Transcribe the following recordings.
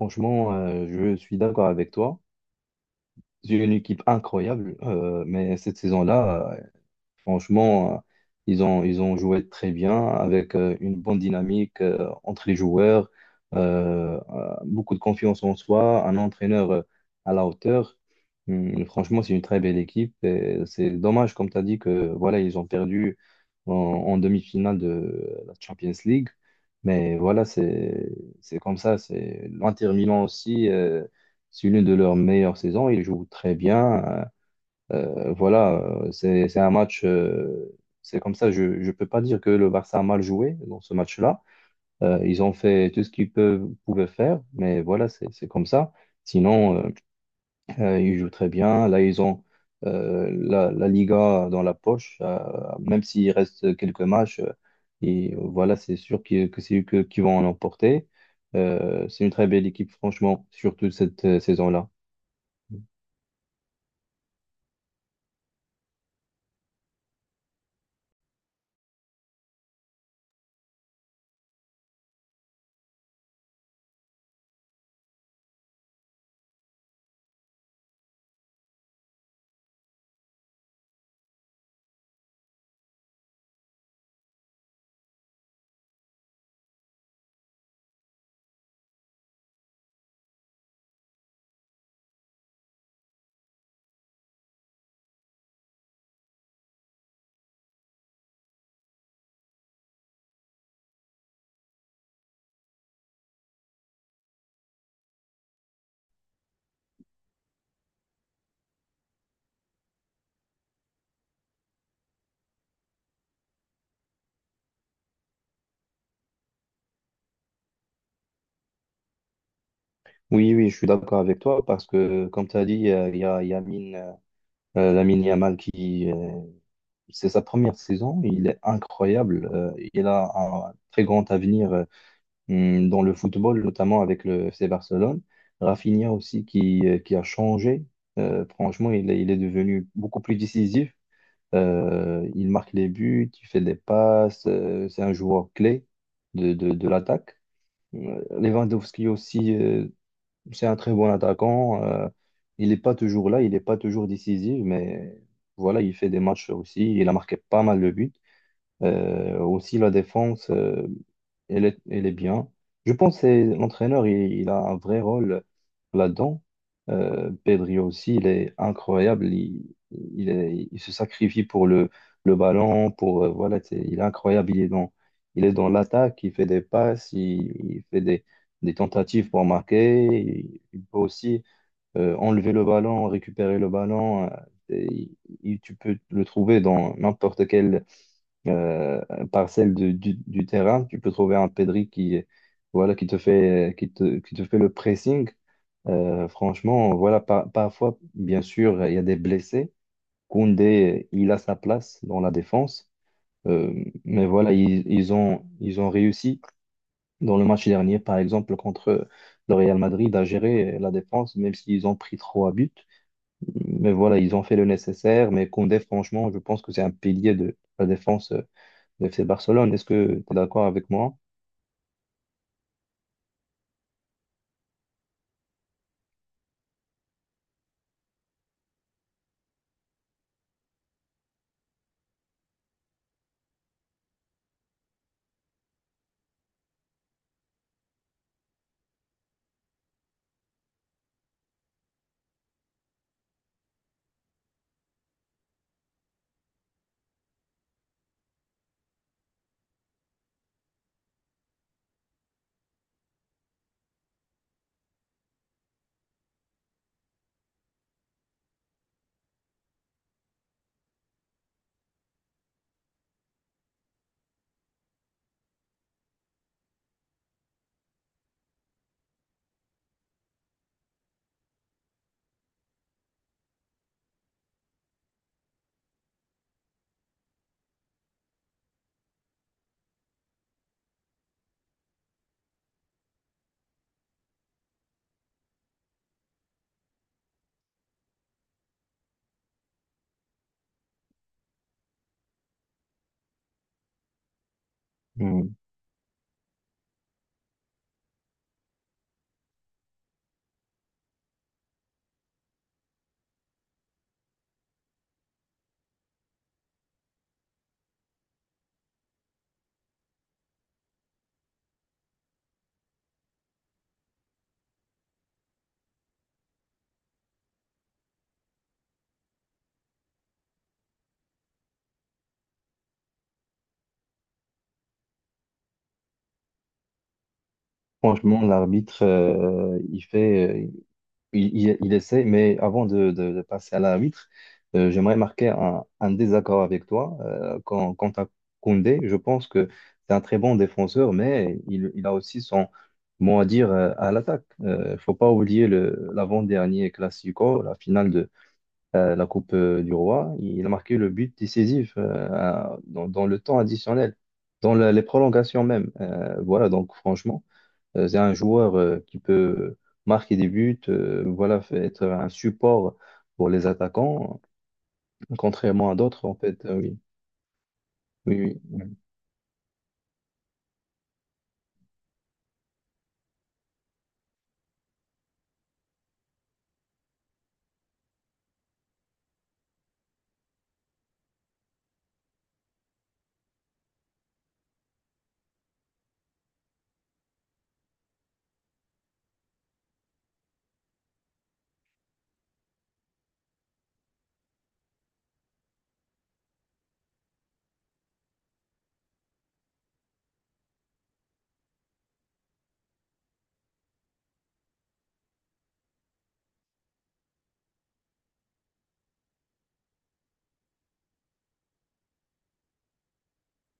Franchement, je suis d'accord avec toi. J'ai une équipe incroyable, mais cette saison-là, franchement, ils ont joué très bien avec une bonne dynamique entre les joueurs, beaucoup de confiance en soi, un entraîneur à la hauteur. Franchement, c'est une très belle équipe. Et c'est dommage, comme tu as dit, que voilà, ils ont perdu en demi-finale de la Champions League. Mais voilà, c'est comme ça. C'est l'Inter Milan aussi, c'est l'une de leurs meilleures saisons. Ils jouent très bien. Voilà, c'est un match, c'est comme ça, je ne peux pas dire que le Barça a mal joué dans ce match-là. Ils ont fait tout ce qu'ils pouvaient faire, mais voilà, c'est comme ça. Sinon, ils jouent très bien. Là, ils ont la Liga dans la poche, même s'il reste quelques matchs, et voilà, c'est sûr que c'est eux qui vont en emporter. C'est une très belle équipe, franchement, surtout cette saison-là. Oui, oui, je suis d'accord avec toi parce que, comme tu as dit, il y a Lamine Yamal qui, c'est sa première saison, il est incroyable. Il a un très grand avenir dans le football, notamment avec le FC Barcelone. Rafinha aussi qui a changé. Franchement, il est devenu beaucoup plus décisif. Il marque les buts, il fait des passes. C'est un joueur clé de l'attaque. Lewandowski aussi. C'est un très bon attaquant. Il n'est pas toujours là, il n'est pas toujours décisif, mais voilà, il fait des matchs aussi. Il a marqué pas mal de buts. Aussi, la défense, elle est bien. Je pense que l'entraîneur, il a un vrai rôle là-dedans. Pedri aussi, il est incroyable. Il se sacrifie pour le ballon, pour, voilà, il est incroyable. Il est dans l'attaque, il fait des passes, il fait des tentatives pour marquer. Il peut aussi enlever le ballon, récupérer le ballon. Et il- tu peux le trouver dans n'importe quel euh, parcelle du terrain. Tu peux trouver un Pedri qui, voilà, qui te fait le pressing. Franchement, voilà, parfois, bien sûr, il y a des blessés. Koundé, il a sa place dans la défense. Euh, mais voilà, ils ont réussi dans le match dernier, par exemple, contre le Real Madrid, à gérer la défense, même s'ils ont pris trois buts. Mais voilà, ils ont fait le nécessaire. Mais Koundé, franchement, je pense que c'est un pilier de la défense le FC Barcelone. Est-ce que tu es d'accord avec moi? Hmm. Franchement, l'arbitre, il fait, il essaie, mais avant de passer à l'arbitre, j'aimerais marquer un désaccord avec toi. Quant à Koundé, je pense que c'est un très bon défenseur, mais il a aussi son mot à dire à l'attaque. Il ne faut pas oublier l'avant-dernier Classico, la finale de. La Coupe du Roi. Il a marqué le but décisif dans le temps additionnel, dans les prolongations même. Voilà, donc franchement, c'est un joueur qui peut marquer des buts, voilà, être un support pour les attaquants, contrairement à d'autres, en fait. Oui, oui,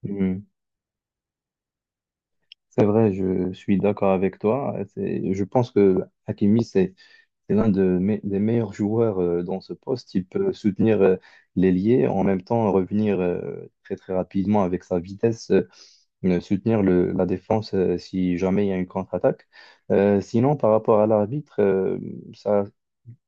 oui. Mhm. C'est vrai, je suis d'accord avec toi. Je pense que Hakimi, c'est l'un de des meilleurs joueurs dans ce poste. Il peut soutenir l'ailier, en même temps revenir très très rapidement avec sa vitesse, soutenir la défense si jamais il y a une contre-attaque. Sinon, par rapport à l'arbitre, ça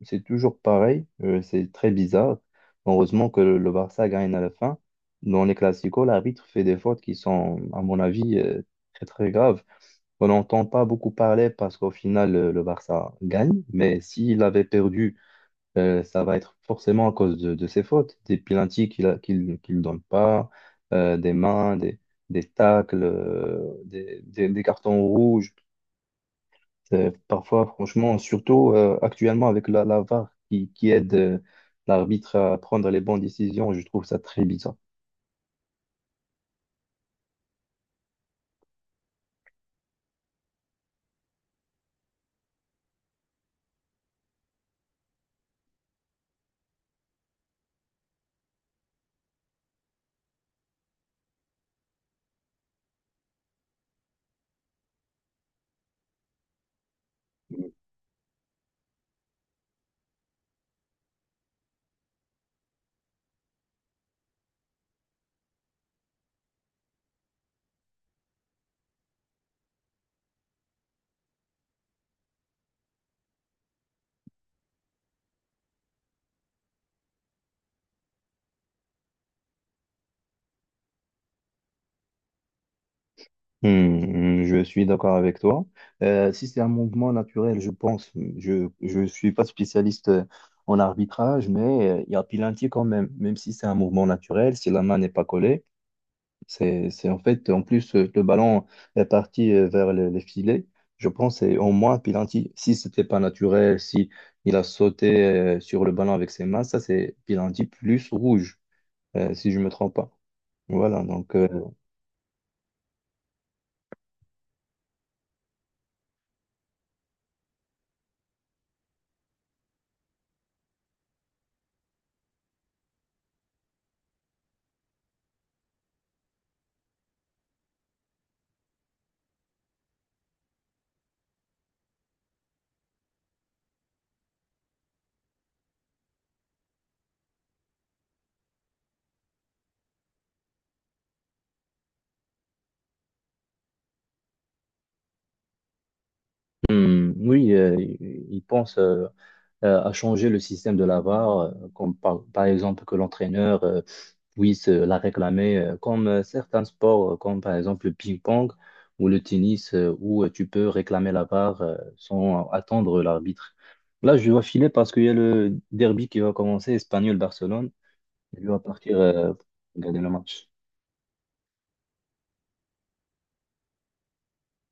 c'est toujours pareil. C'est très bizarre. Heureusement que le Barça gagne à la fin. Dans les classicos, l'arbitre fait des fautes qui sont, à mon avis, très très graves. On n'entend pas beaucoup parler parce qu'au final, le Barça gagne. Mais s'il avait perdu, ça va être forcément à cause de ses fautes. Des pénaltys qu'il donne pas, des mains, des tacles, des cartons rouges. Parfois, franchement, surtout actuellement avec la VAR qui aide l'arbitre à prendre les bonnes décisions, je trouve ça très bizarre. Hmm, je suis d'accord avec toi. Si c'est un mouvement naturel, je pense, je suis pas spécialiste en arbitrage, mais il y a penalty quand même, même si c'est un mouvement naturel, si la main n'est pas collée, c'est en fait en plus le ballon est parti vers les filets. Je pense c'est au moins penalty. Si c'était pas naturel, si il a sauté sur le ballon avec ses mains, ça c'est penalty plus rouge, si je me trompe pas. Voilà, donc hmm, oui, il pense. À changer le système de la VAR, par exemple que l'entraîneur puisse la réclamer, comme certains sports, comme par exemple le ping-pong ou le tennis, où tu peux réclamer la VAR sans attendre l'arbitre. Là, je dois filer parce qu'il y a le derby qui va commencer, Espagnol-Barcelone. Je dois partir regarder le match.